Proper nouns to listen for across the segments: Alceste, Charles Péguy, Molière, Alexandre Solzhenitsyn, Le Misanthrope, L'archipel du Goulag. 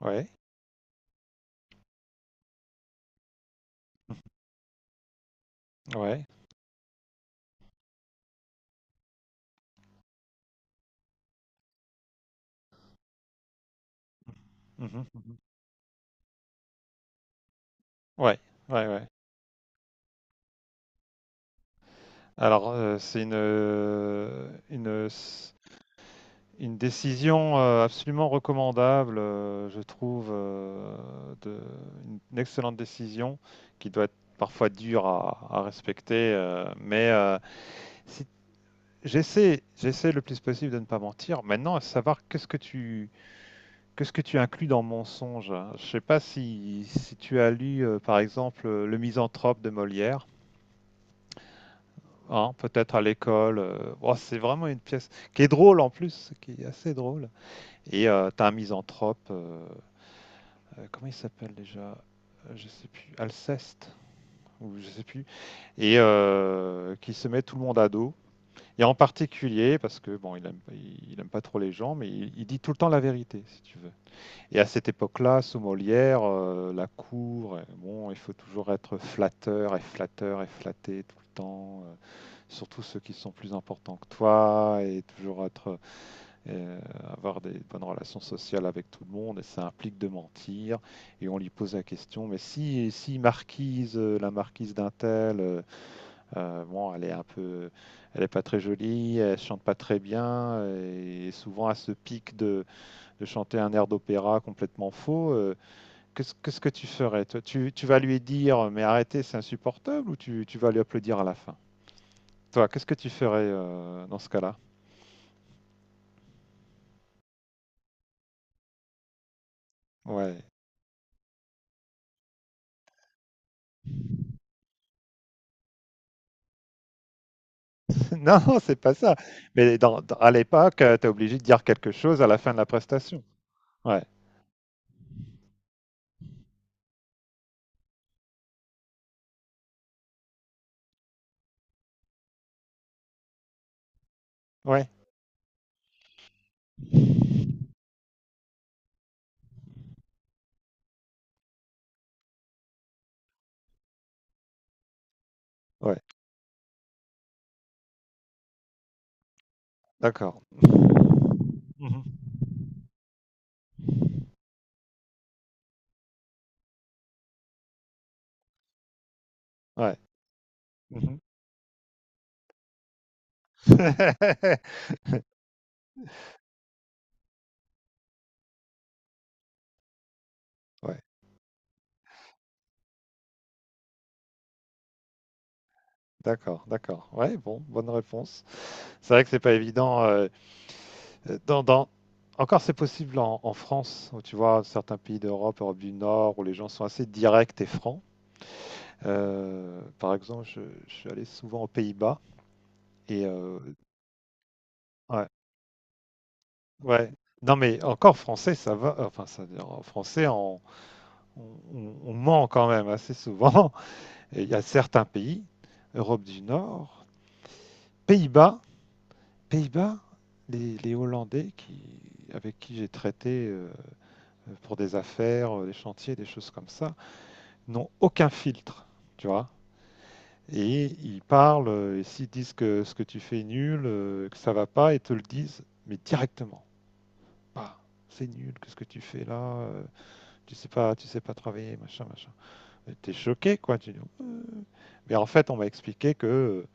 Ouais, ouais. Mmh mh, mmh. Ouais, ouais, ouais. Alors, c'est une décision, absolument recommandable, je trouve, de une excellente décision qui doit être parfois dure à respecter, mais, si j'essaie le plus possible de ne pas mentir. Maintenant, à savoir qu'est-ce que tu inclus dans mensonge, hein? Je sais pas si tu as lu, par exemple, Le Misanthrope de Molière? Hein, peut-être à l'école. Oh, c'est vraiment une pièce qui est drôle en plus, qui est assez drôle. Et t'as un misanthrope, comment il s'appelle déjà? Je sais plus, Alceste, ou je sais plus, et qui se met tout le monde à dos. Et en particulier, parce que bon, il aime, il aime pas trop les gens, mais il dit tout le temps la vérité, si tu veux. Et à cette époque-là, sous Molière, la cour, bon, il faut toujours être flatteur et flatteur et flatté tout le temps, surtout ceux qui sont plus importants que toi, et toujours être, euh, avoir des bonnes relations sociales avec tout le monde, et ça implique de mentir. Et on lui pose la question, mais si marquise, la marquise d'un tel, bon, elle est un peu, elle est pas très jolie, elle chante pas très bien, et souvent elle se pique de chanter un air d'opéra complètement faux. Qu'est-ce que tu ferais? Toi, tu vas lui dire, mais arrêtez, c'est insupportable, ou tu vas lui applaudir à la fin? Toi, qu'est-ce que tu ferais, dans ce cas-là? Ouais. Non, c'est pas ça, mais dans à l'époque, tu es obligé de dire quelque chose à la fin de la prestation. Ouais, ouais, ouais, d'accord. Mmh. Ouais. Mmh. Ouais, d'accord, d'accord. Ouais, bon, bonne réponse. C'est vrai que c'est pas évident, dans encore c'est possible en France, où tu vois certains pays d'Europe, Europe du Nord, où les gens sont assez directs et francs. Par exemple, je suis allé souvent aux Pays-Bas et ouais, ouais. Non, mais encore français, ça va, enfin, ça veut dire, en français, on on ment quand même assez souvent. Et il y a certains pays, Europe du Nord, Pays-Bas, Pays-Bas, les Hollandais qui avec qui j'ai traité, pour des affaires, des chantiers, des choses comme ça, n'ont aucun filtre, tu vois? Et ils parlent, et s'ils disent que ce que tu fais est nul, que ça va pas, ils te le disent, mais directement. Bah, c'est nul, qu'est-ce que tu fais là? euh, tu sais pas travailler, machin, machin. Et t'es choqué, quoi. Tu dis, euh. Mais en fait, on m'a expliqué que,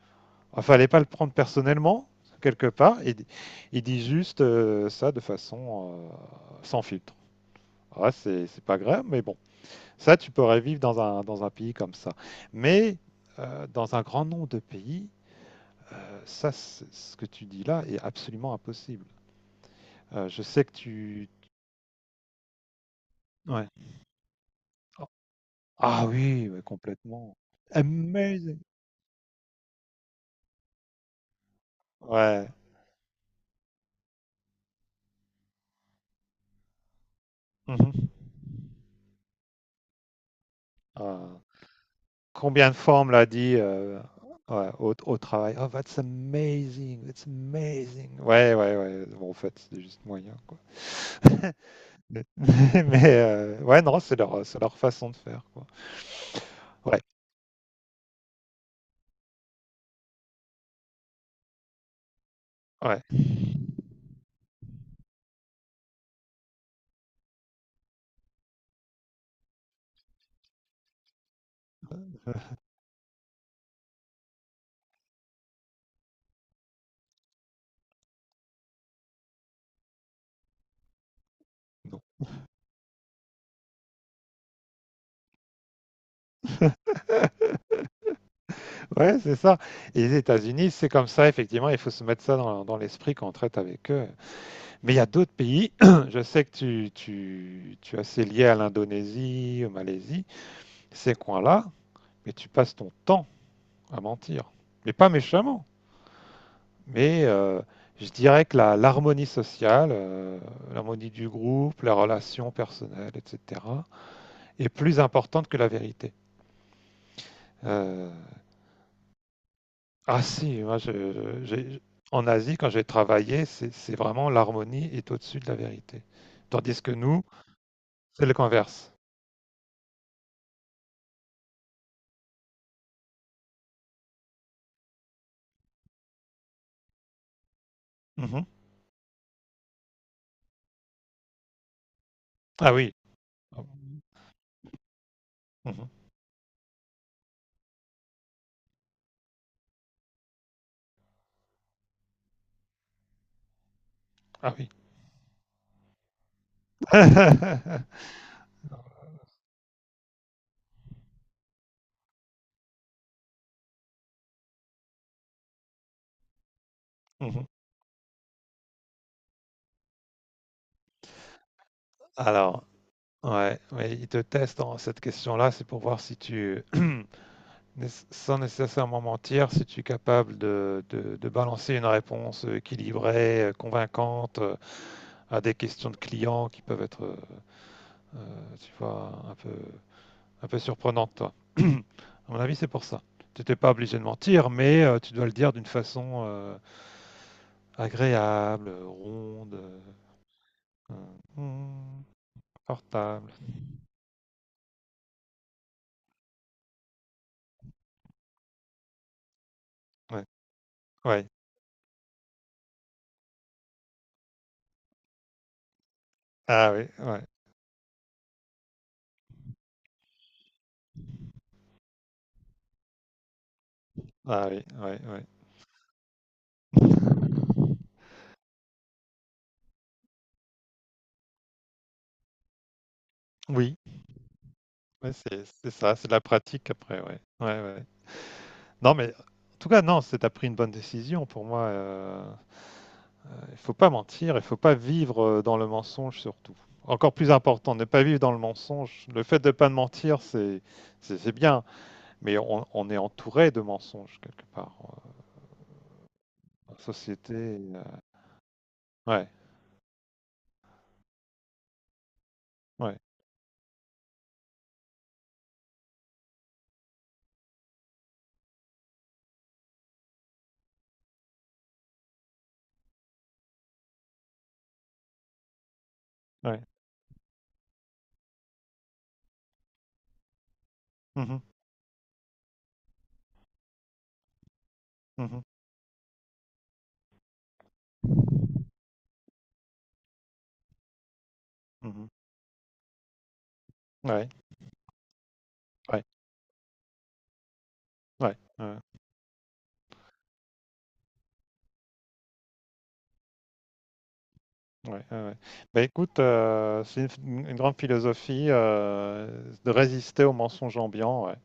ah, fallait pas le prendre personnellement, quelque part. Il dit juste ça de façon sans filtre. Ah, c'est pas grave, mais bon. Ça, tu pourrais vivre dans un pays comme ça. Mais dans un grand nombre de pays, ça, c ce que tu dis là est absolument impossible. Je sais que tu. Ouais. Oh, ah oui, ouais, complètement. Amazing! Ouais. Mmh. Ah, combien de fois on me l'a dit, ouais, au travail: «Oh, that's amazing, that's amazing!» Ouais, ouais, ouais, bon, en fait, c'est juste moyen, quoi. Mais mais ouais, non, c'est leur façon de faire, quoi. Ouais, ouais, non. Ouais, c'est ça. Et les États-Unis, c'est comme ça, effectivement, il faut se mettre ça dans l'esprit quand on traite avec eux. Mais il y a d'autres pays, je sais que tu es assez lié à l'Indonésie, au Malaisie, ces coins-là, mais tu passes ton temps à mentir. Mais pas méchamment. Mais je dirais que l'harmonie sociale, l'harmonie du groupe, la relation personnelle, etc., est plus importante que la vérité. Euh, Ah si, en Asie, quand j'ai travaillé, c'est vraiment l'harmonie est au-dessus de la vérité. Tandis que nous, c'est le converse. Mhm. Ah oui. Mhm. Ah oui. Mhm. Alors, ouais, ouais, il te teste dans cette question-là, c'est pour voir si tu, sans nécessairement mentir, si tu es capable de balancer une réponse équilibrée, convaincante à des questions de clients qui peuvent être, tu vois, Un peu surprenante, toi. À mon avis, c'est pour ça. Tu n'étais pas obligé de mentir, mais tu dois le dire d'une façon agréable, ronde, euh, hum, portable. Ouais. Ouais. Ah oui, ouais. Ah oui, ouais, ouais. Oui, ouais, c'est ça, c'est de la pratique après, ouais. Ouais, ouais. Non, mais en tout cas, non, c'est t'as pris une bonne décision pour moi. Il faut pas mentir, il faut pas vivre dans le mensonge surtout. Encore plus important, ne pas vivre dans le mensonge. Le fait de pas mentir, c'est bien, mais on est entouré de mensonges quelque part en société. Ouais, ouais, ouais. Mhm, mhm, mhm. Ouais, ouais, ouais, ouais, ouais, ouais, ouais. Bah écoute, c'est une grande philosophie de résister aux mensonges ambiants. Ouais.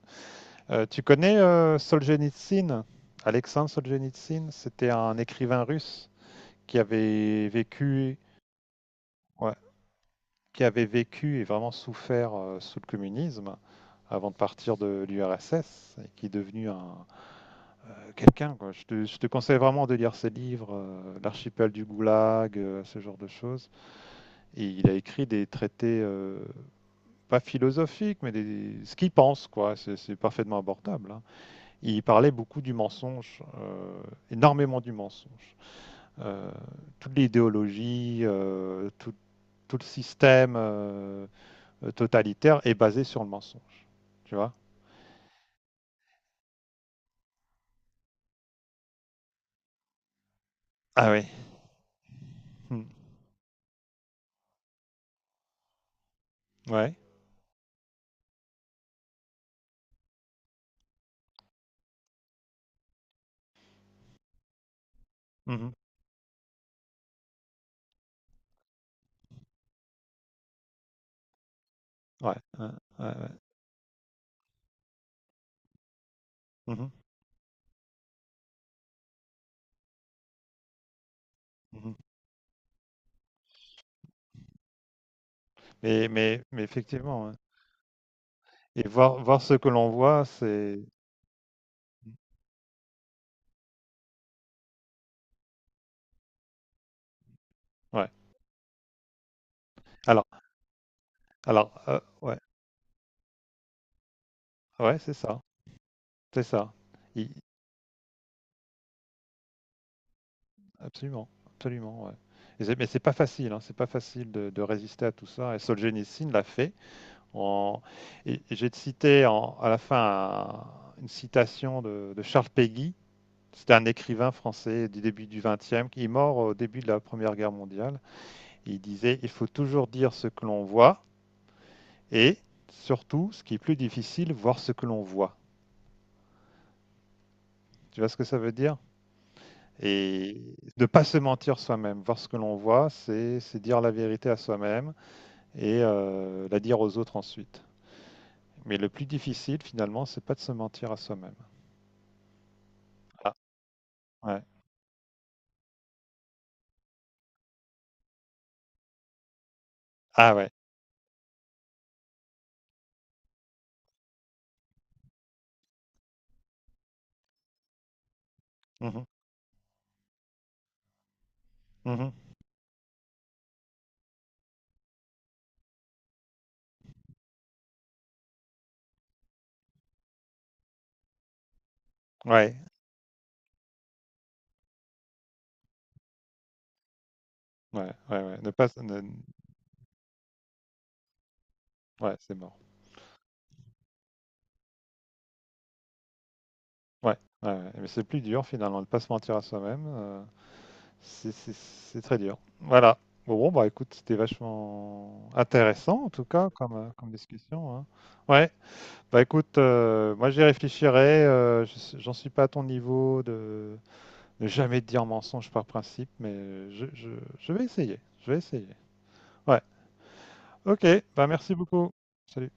Tu connais Solzhenitsyn? Alexandre Solzhenitsyn, c'était un écrivain russe qui avait vécu, ouais, qui avait vécu et vraiment souffert sous le communisme avant de partir de l'URSS et qui est devenu un quelqu'un, quoi. Je te conseille vraiment de lire ses livres, L'archipel du Goulag, ce genre de choses. Et il a écrit des traités, pas philosophiques, mais ce qu'il pense, quoi. C'est parfaitement abordable, hein. Il parlait beaucoup du mensonge, énormément du mensonge. Euh, Toute l'idéologie, tout le système totalitaire est basé sur le mensonge. Tu vois? Ah oui. Hmm. Ouais. Mhm. Ouais. Ouais. Ouais, ouais. Mhm. Mhm. Mais effectivement, ouais. Et voir, voir ce que l'on voit, c'est. Ouais. Alors, alors ouais, ouais, c'est ça. C'est ça. Absolument, absolument, ouais. Et c'est mais c'est pas facile, hein, c'est pas facile de résister à tout ça et Solzhenitsyn l'a fait. En... et j'ai cité à la fin une citation de Charles Péguy, c'était un écrivain français du début du XXe qui est mort au début de la Première Guerre mondiale. Il disait, il faut toujours dire ce que l'on voit et surtout, ce qui est plus difficile, voir ce que l'on voit. Tu vois ce que ça veut dire? Et ne pas se mentir soi-même, voir ce que l'on voit, c'est dire la vérité à soi-même et la dire aux autres ensuite. Mais le plus difficile, finalement, c'est pas de se mentir à soi-même. Ah, ouais. Ah, ouais. Mhm. Mhm. Ouais. Ouais, ouais, ouais. Ne pas, ne- Ouais, c'est mort. Ouais, ouais, ouais. Mais c'est plus dur, finalement, de ne pas se mentir à soi-même. C'est très dur. Voilà. Bon, bon, bah écoute, c'était vachement intéressant, en tout cas, comme discussion, hein. Ouais. Bah écoute, moi j'y réfléchirai. J'en suis pas à ton niveau de ne jamais dire mensonge par principe, mais je vais essayer. Je vais essayer. Ouais. Ok, bah merci beaucoup. Salut.